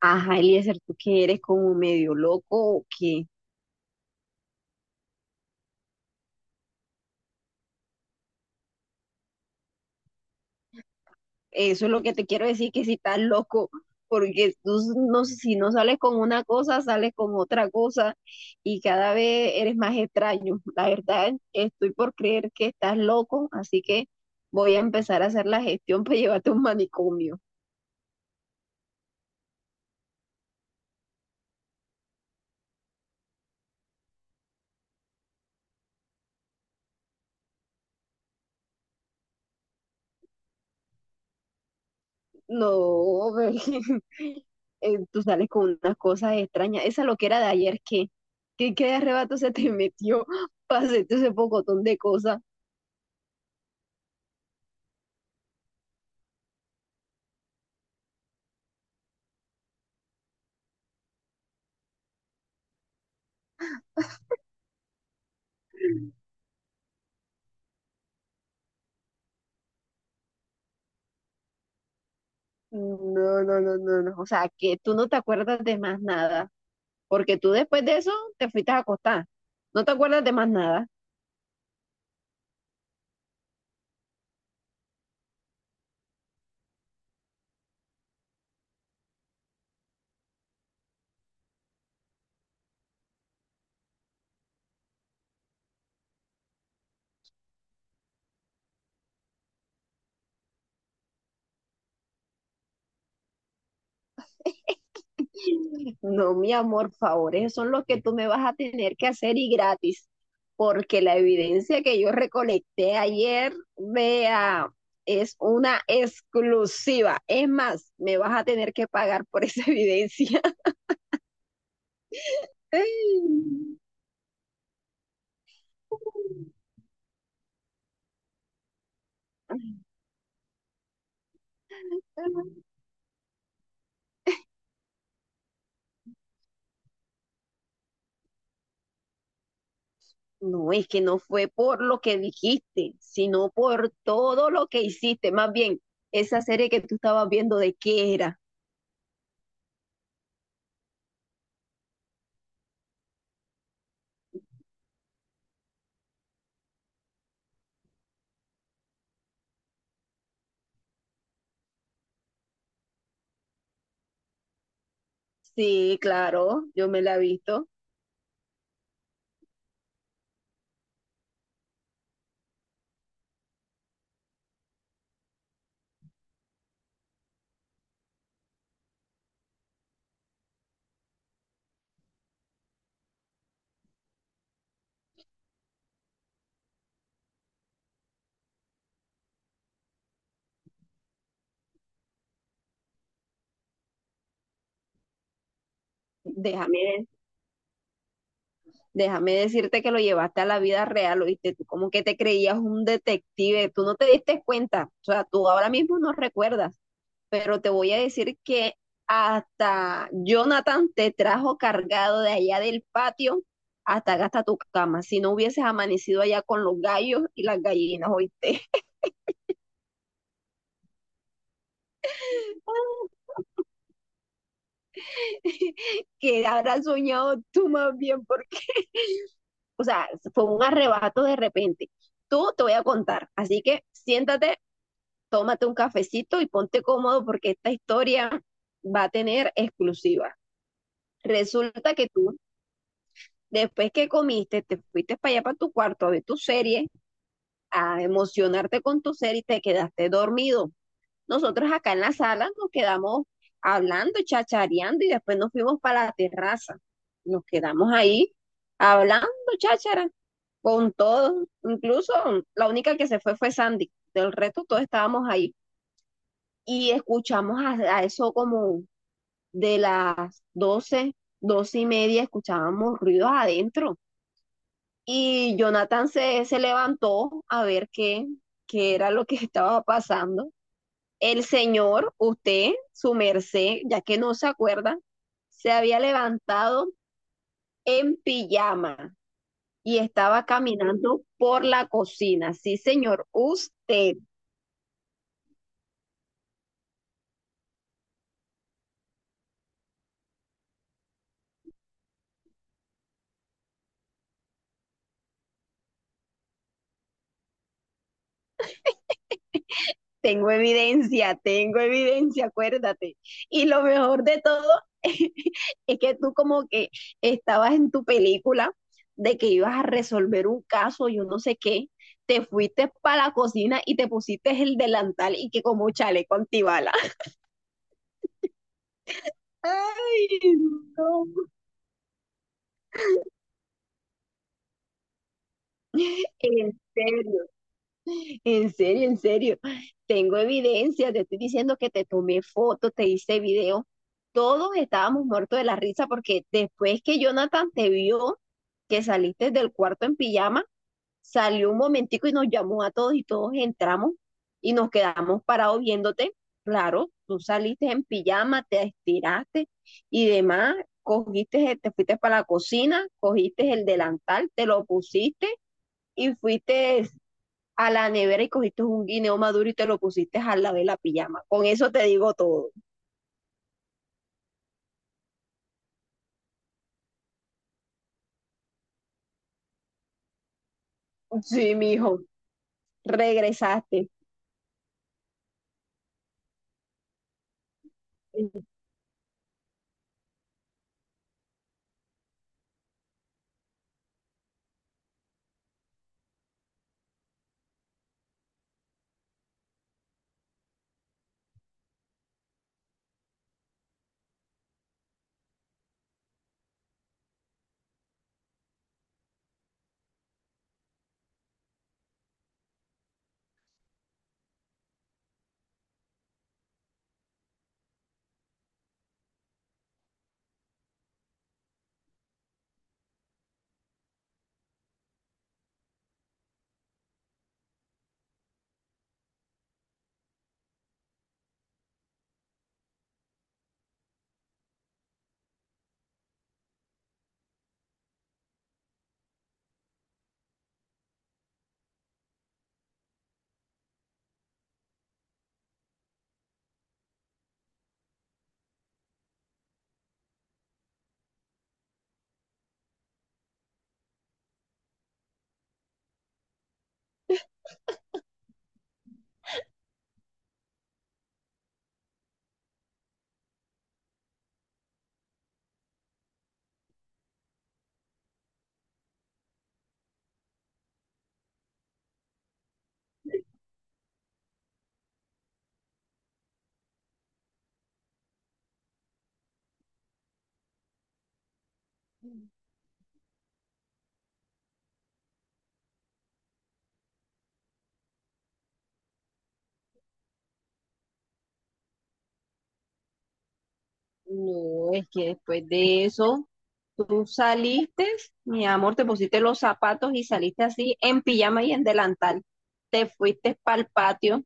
Ajá, Eliezer, ¿tú que eres como medio loco o qué? Eso es lo que te quiero decir, que si estás loco, porque tú s- no, sé, si no sales con una cosa, sales con otra cosa y cada vez eres más extraño. La verdad, estoy por creer que estás loco, así que voy a empezar a hacer la gestión para llevarte a un manicomio. No, ve, tú sales con unas cosas extrañas. Esa loquera de ayer, ¿qué? ¿Qué, arrebato se te metió para hacerte ese pocotón de cosas? No, no, no, no, no. O sea, que tú no te acuerdas de más nada, porque tú después de eso te fuiste a acostar. No te acuerdas de más nada. No, mi amor, favores son los que tú me vas a tener que hacer y gratis, porque la evidencia que yo recolecté ayer, vea, es una exclusiva. Es más, me vas a tener que pagar por esa evidencia. Ay. No, es que no fue por lo que dijiste, sino por todo lo que hiciste. Más bien, esa serie que tú estabas viendo, ¿de qué era? Sí, claro, yo me la he visto. Déjame, déjame decirte que lo llevaste a la vida real, ¿oíste? Tú como que te creías un detective, tú no te diste cuenta. O sea, tú ahora mismo no recuerdas, pero te voy a decir que hasta Jonathan te trajo cargado de allá del patio hasta acá hasta tu cama. Si no hubieses amanecido allá con los gallos y las gallinas, oíste. Que habrás soñado tú más bien, porque, o sea, fue un arrebato de repente. Tú te voy a contar, así que siéntate, tómate un cafecito y ponte cómodo porque esta historia va a tener exclusiva. Resulta que tú... Después que comiste, te fuiste para allá, para tu cuarto, a ver tu serie, a emocionarte con tu serie, y te quedaste dormido. Nosotros acá en la sala nos quedamos hablando, chachareando, y después nos fuimos para la terraza. Nos quedamos ahí hablando, cháchara, con todos. Incluso la única que se fue fue Sandy. Del resto todos estábamos ahí y escuchamos a eso como de las 12, 12 y media, escuchábamos ruidos adentro. Y Jonathan se levantó a ver qué era lo que estaba pasando. El señor, usted, su merced, ya que no se acuerda, se había levantado en pijama y estaba caminando por la cocina. Sí, señor, usted. Tengo evidencia, acuérdate. Y lo mejor de todo es que tú como que estabas en tu película de que ibas a resolver un caso, yo no sé qué, te fuiste para la cocina y te pusiste el delantal y que como un chaleco antibala. Ay, no. En serio. En serio, en serio. Tengo evidencia, te estoy diciendo que te tomé fotos, te hice video. Todos estábamos muertos de la risa porque después que Jonathan te vio que saliste del cuarto en pijama, salió un momentico y nos llamó a todos y todos entramos y nos quedamos parados viéndote. Claro, tú saliste en pijama, te estiraste y demás, cogiste, te fuiste para la cocina, cogiste el delantal, te lo pusiste y fuiste a la nevera y cogiste un guineo maduro y te lo pusiste al lado de la pijama. Con eso te digo todo. Sí, mijo, regresaste. No, es que después de eso, tú saliste, mi amor, te pusiste los zapatos y saliste así en pijama y en delantal. Te fuiste para el patio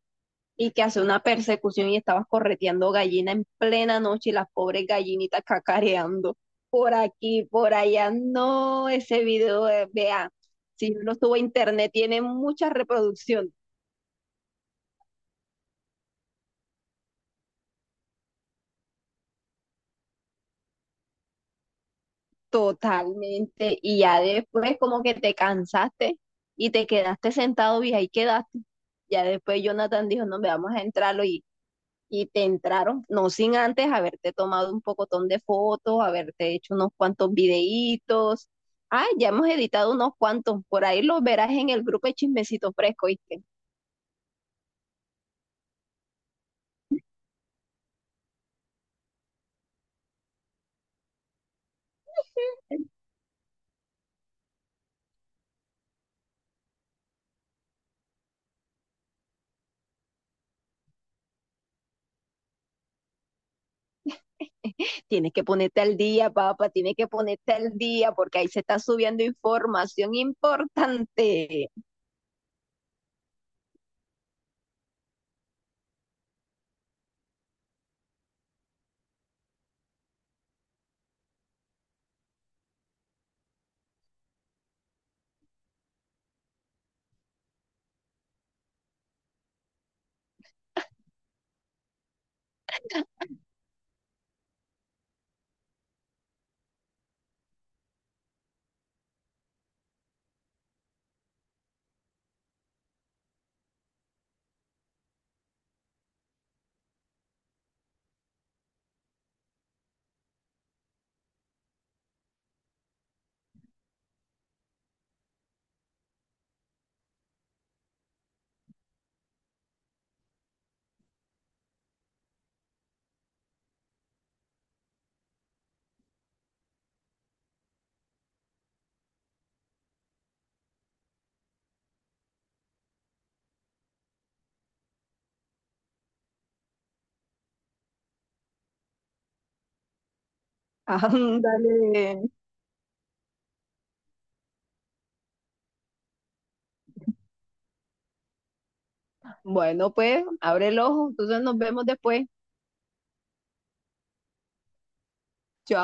y que hace una persecución y estabas correteando gallina en plena noche y las pobres gallinitas cacareando por aquí, por allá. No, ese video, vea, si uno sube a internet, tiene mucha reproducción totalmente. Y ya después como que te cansaste y te quedaste sentado y ahí quedaste. Ya después Jonathan dijo, no, me vamos a entrarlo, y te entraron, no sin antes haberte tomado un pocotón de fotos, haberte hecho unos cuantos videitos. Ah, ya hemos editado unos cuantos, por ahí los verás en el grupo de Chismecito Fresco, ¿viste? Tienes que ponerte al día, papá, tienes que ponerte al día, porque ahí se está subiendo información importante. Ándale. Bueno, pues, abre el ojo, entonces nos vemos después. Chao.